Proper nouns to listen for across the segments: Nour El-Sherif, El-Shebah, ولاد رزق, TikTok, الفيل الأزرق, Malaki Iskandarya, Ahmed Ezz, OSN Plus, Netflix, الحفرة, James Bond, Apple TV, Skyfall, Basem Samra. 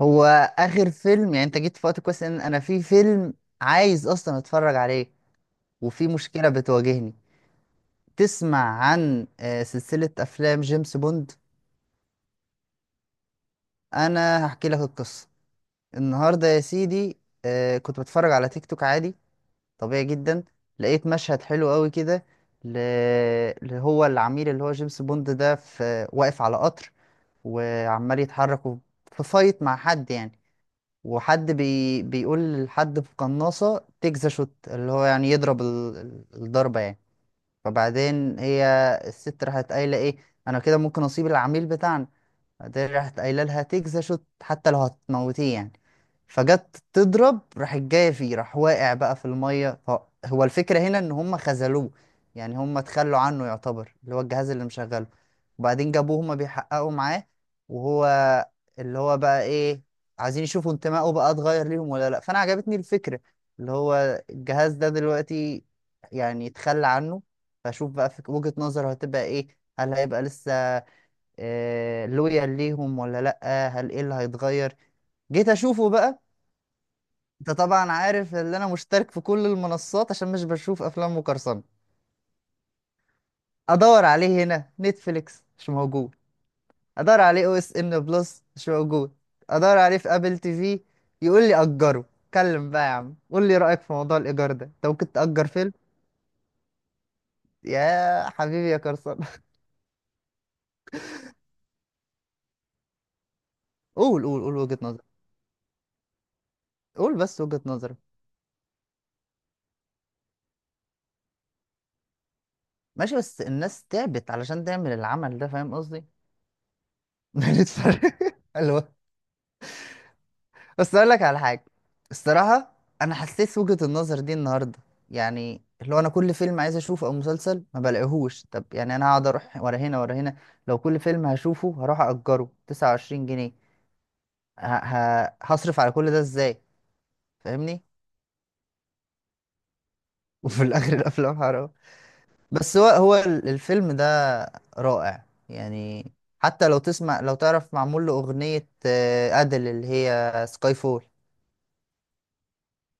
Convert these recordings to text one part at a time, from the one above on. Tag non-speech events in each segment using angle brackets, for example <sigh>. هو اخر فيلم، يعني انت جيت في وقت كويس ان انا في فيلم عايز اصلا اتفرج عليه وفي مشكله بتواجهني. تسمع عن سلسله افلام جيمس بوند. انا هحكي لك القصه. النهارده يا سيدي، كنت بتفرج على تيك توك عادي، طبيعي جدا. لقيت مشهد حلو قوي كده ل- اللي هو العميل، اللي هو جيمس بوند ده، في واقف على قطر وعمال يتحرك، في فايت مع حد يعني. وحد بيقول لحد بقناصة تكزا شوت، اللي هو يعني يضرب الضربة يعني. فبعدين هي الست راحت قايلة ايه: انا كده ممكن اصيب العميل بتاعنا. بعدين راحت قايله لها تجزا شوت، حتى لو هتموتيه يعني. فجت تضرب، راحت جايه فيه، راح واقع بقى في الميه. هو الفكره هنا ان هم خذلوه، يعني هم تخلوا عنه، يعتبر اللي هو الجهاز اللي مشغله. وبعدين جابوه هما بيحققوا معاه. وهو اللي هو بقى ايه، عايزين يشوفوا انتمائه بقى اتغير ليهم ولا لا. فانا عجبتني الفكره، اللي هو الجهاز ده دلوقتي يعني يتخلى عنه. فاشوف بقى في وجهة نظره هتبقى ايه، هل هيبقى لسه لويال ليهم ولا لأ، هل ايه اللي هيتغير. جيت اشوفه بقى. انت طبعا عارف ان انا مشترك في كل المنصات عشان مش بشوف افلام مقرصنة. ادور عليه هنا نتفليكس مش موجود، ادور عليه او اس ان بلس مش موجود، ادور عليه في ابل تي في. يقول لي اجره. اتكلم بقى يا عم، قول لي رايك في موضوع الايجار ده، انت ممكن تاجر فيلم؟ يا حبيبي يا قرصان. <laughs> قول قول قول وجهة نظرك. قول بس وجهة نظرك. ماشي، بس الناس تعبت علشان تعمل العمل ده، فاهم قصدي. <laughs> بنتفرج. حلو. بس اقول لك على حاجه. الصراحه، انا حسيت وجهه النظر دي النهارده، يعني اللي هو انا كل فيلم عايز اشوفه او مسلسل ما بلاقيهوش. طب يعني انا هقعد اروح ورا هنا ورا هنا؟ لو كل فيلم هشوفه هروح اجره 29 جنيه، ه... هصرف على كل ده ازاي؟ فاهمني. <laughs> وفي الاخر الافلام حرام. بس هو الفيلم ده رائع يعني. حتى لو تسمع، لو تعرف معمول له اغنيه ادل، اللي هي سكاي فول.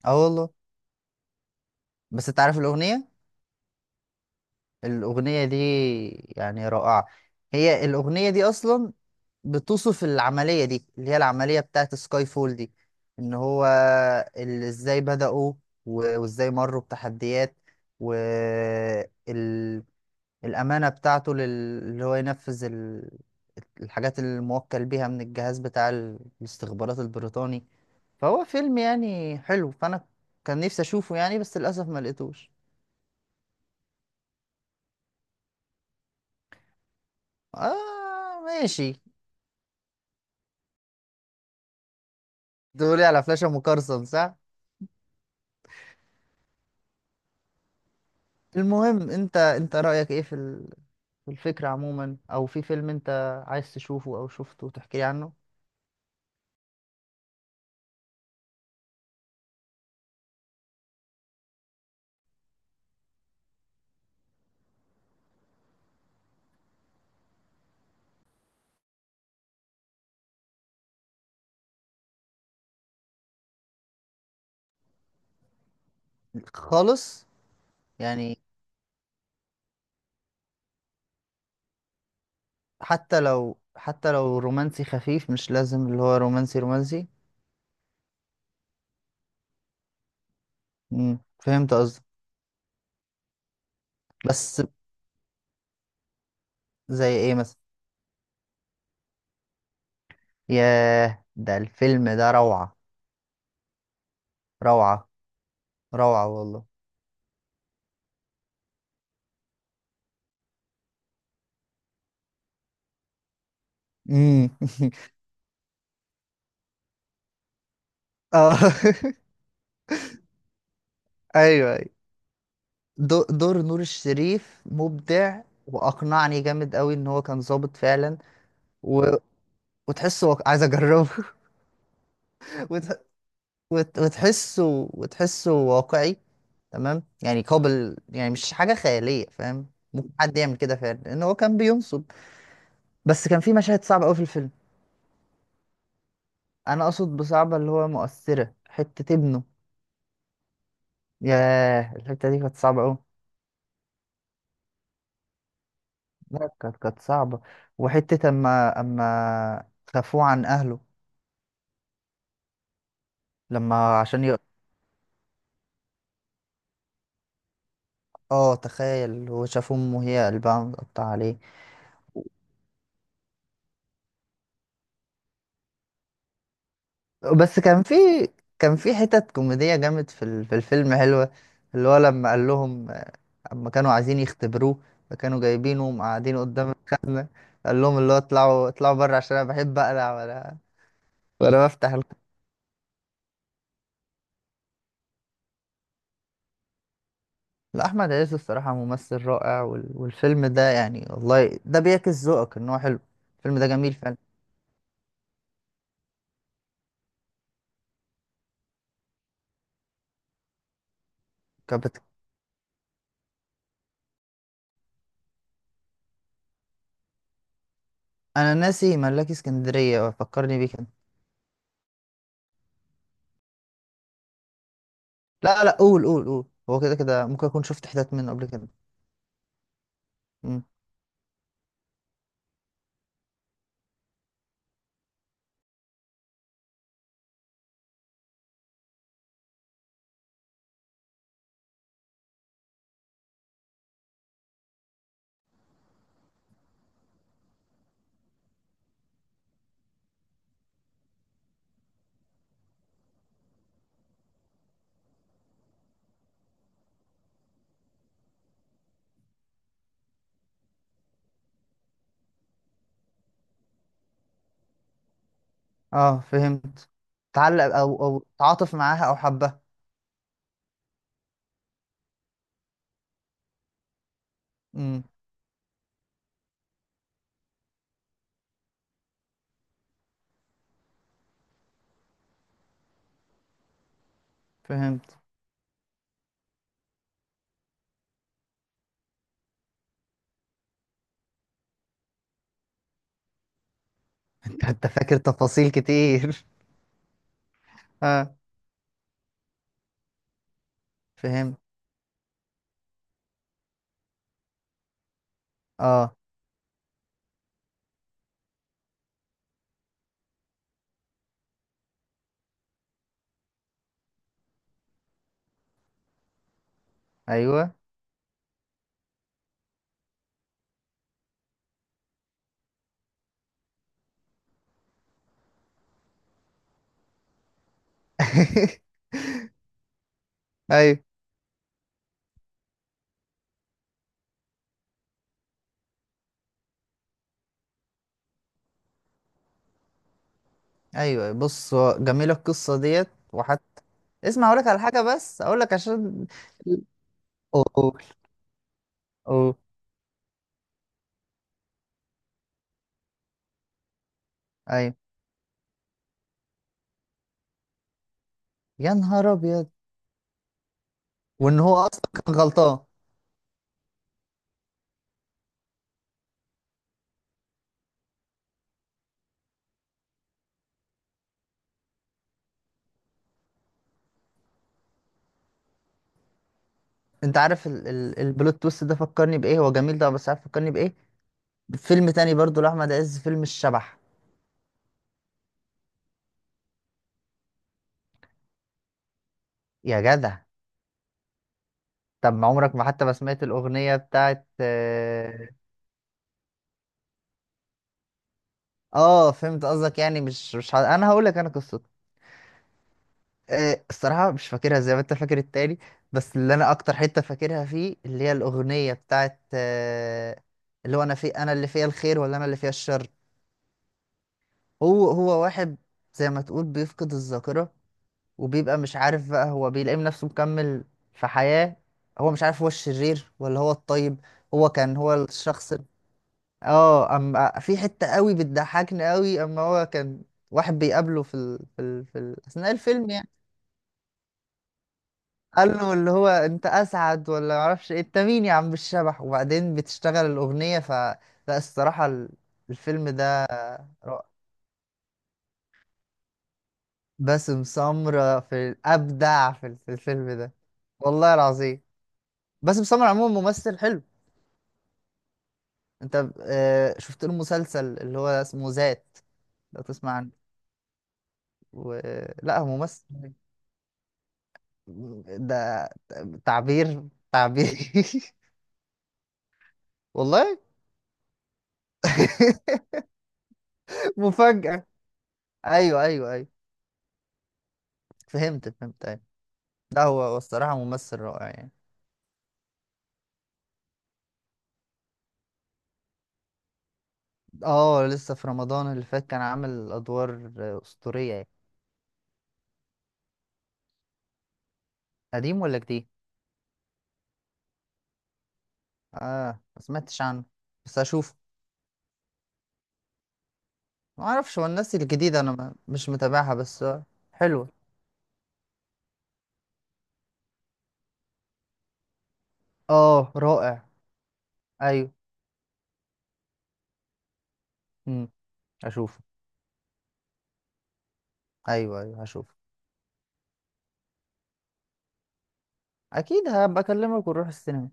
اه والله. بس انت عارف الاغنيه؟ الأغنية دي يعني رائعة. هي الأغنية دي أصلا بتوصف العملية دي، اللي هي العملية بتاعت سكاي فول دي. إن هو إزاي بدأوا وإزاي مروا بتحديات، والأمانة بتاعته اللي هو ينفذ الحاجات اللي الموكل بيها من الجهاز بتاع الاستخبارات البريطاني. فهو فيلم يعني حلو، فأنا كان نفسي أشوفه يعني بس للأسف ما لقيتوش. آه ماشي. تقولي على فلاشة مقرصن صح؟ المهم، انت رأيك ايه في في الفكرة عموما، او في فيلم انت عايز تشوفه او شفته وتحكي لي عنه؟ خالص، يعني. حتى لو رومانسي خفيف، مش لازم اللي هو رومانسي رومانسي. امم، فهمت قصدك. بس زي ايه مثلا؟ ياه، ده الفيلم ده روعة. روعة. روعة والله. امم. <laughs> اه. <laughs> ايوه. دور نور الشريف مبدع. واقنعني جامد قوي ان هو كان ظابط فعلا و... وتحسه، عايز اجربه. <laughs> وت... وتحسه واقعي، تمام يعني قابل، يعني مش حاجه خياليه، فاهم. ممكن حد يعمل كده فعلا، لان هو كان بينصب. بس كان في مشاهد صعبه قوي في الفيلم. انا اقصد بصعبه اللي هو مؤثره، حته ابنه. ياه، الحته دي كانت صعبه قوي. لا، كانت صعبه. وحته اما خافوه عن اهله. لما عشان اه تخيل هو شاف امه هي قلبها متقطع عليه. بس كان في حتت كوميدية جامد في الفيلم حلوة. اللي هو لما قال لهم، اما كانوا عايزين يختبروه، فكانوا جايبينه ومقعدينه قدام قال لهم اللي هو اطلعوا اطلعوا بره عشان انا بحب اقلع، ولا بفتح لا، احمد عز الصراحة ممثل رائع، والفيلم ده يعني والله ده بيعكس ذوقك ان هو حلو. الفيلم ده جميل فعلا. كانت بت- انا ناسي ملاكي اسكندرية، فكرني بيه. لا لا قول قول قول، هو كده كده ممكن اكون شفت حتت منه قبل كده. امم. اه فهمت. تعلق او تعاطف معاها او حبها. امم، فهمت. <laughs> انت فاكر تفاصيل كتير. <laughs> اه فهمت. اه. ايوه. <laughs> ايوه ايوه، بص هو جميله القصه ديت وحتى. اسمع، اقول لك على حاجه، بس اقول لك عشان. <laughs> اوه اوه. أوه. ايوه. يا نهار ابيض. وان هو اصلا كان غلطان. انت عارف البلوت تويست ده فكرني بايه، هو جميل ده، بس عارف فكرني بايه؟ فيلم تاني برضو لأحمد عز، فيلم الشبح. يا جدع. طب ما عمرك ما حتى ما سمعت الأغنية بتاعت اه. فهمت قصدك. يعني مش انا هقول لك انا قصته. آه، الصراحة مش فاكرها زي ما انت فاكر التاني. بس اللي انا اكتر حتة فاكرها فيه، اللي هي الأغنية بتاعت اللي هو انا في، انا اللي فيها الخير ولا انا اللي فيها الشر. هو واحد، زي ما تقول بيفقد الذاكرة، وبيبقى مش عارف بقى، هو بيلاقي نفسه مكمل في حياة، هو مش عارف هو الشرير ولا هو الطيب. هو كان هو الشخص اه، اما في حتة قوي بتضحكني قوي، اما هو كان واحد بيقابله اثناء الفيلم يعني. قال له اللي هو انت اسعد ولا معرفش ايه، انت مين يا عم الشبح، وبعدين بتشتغل الاغنية لا، الصراحة الفيلم ده رائع. باسم سمرة في ابدع في الفيلم ده، والله العظيم. باسم سمرة عموما ممثل حلو. انت شفت له مسلسل اللي هو اسمه ذات؟ لو تسمع عنه و... لا هو ممثل ده، تعبير تعبير. <laughs> والله. <laughs> مفاجأة. ايوه ايوه ايوه. فهمت فهمت، ايوه. لا، هو الصراحة ممثل رائع يعني. اه، لسه في رمضان اللي فات كان عامل ادوار اسطورية يعني. قديم ولا جديد؟ اه، ما سمعتش عنه بس هشوفه. ما اعرفش، هو الناس الجديدة انا مش متابعها، بس حلوة. اه رائع. ايوه، اشوفه. ايوه ايوه، هشوفه. اكيد هبقى اكلمك ونروح السينما.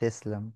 تسلم.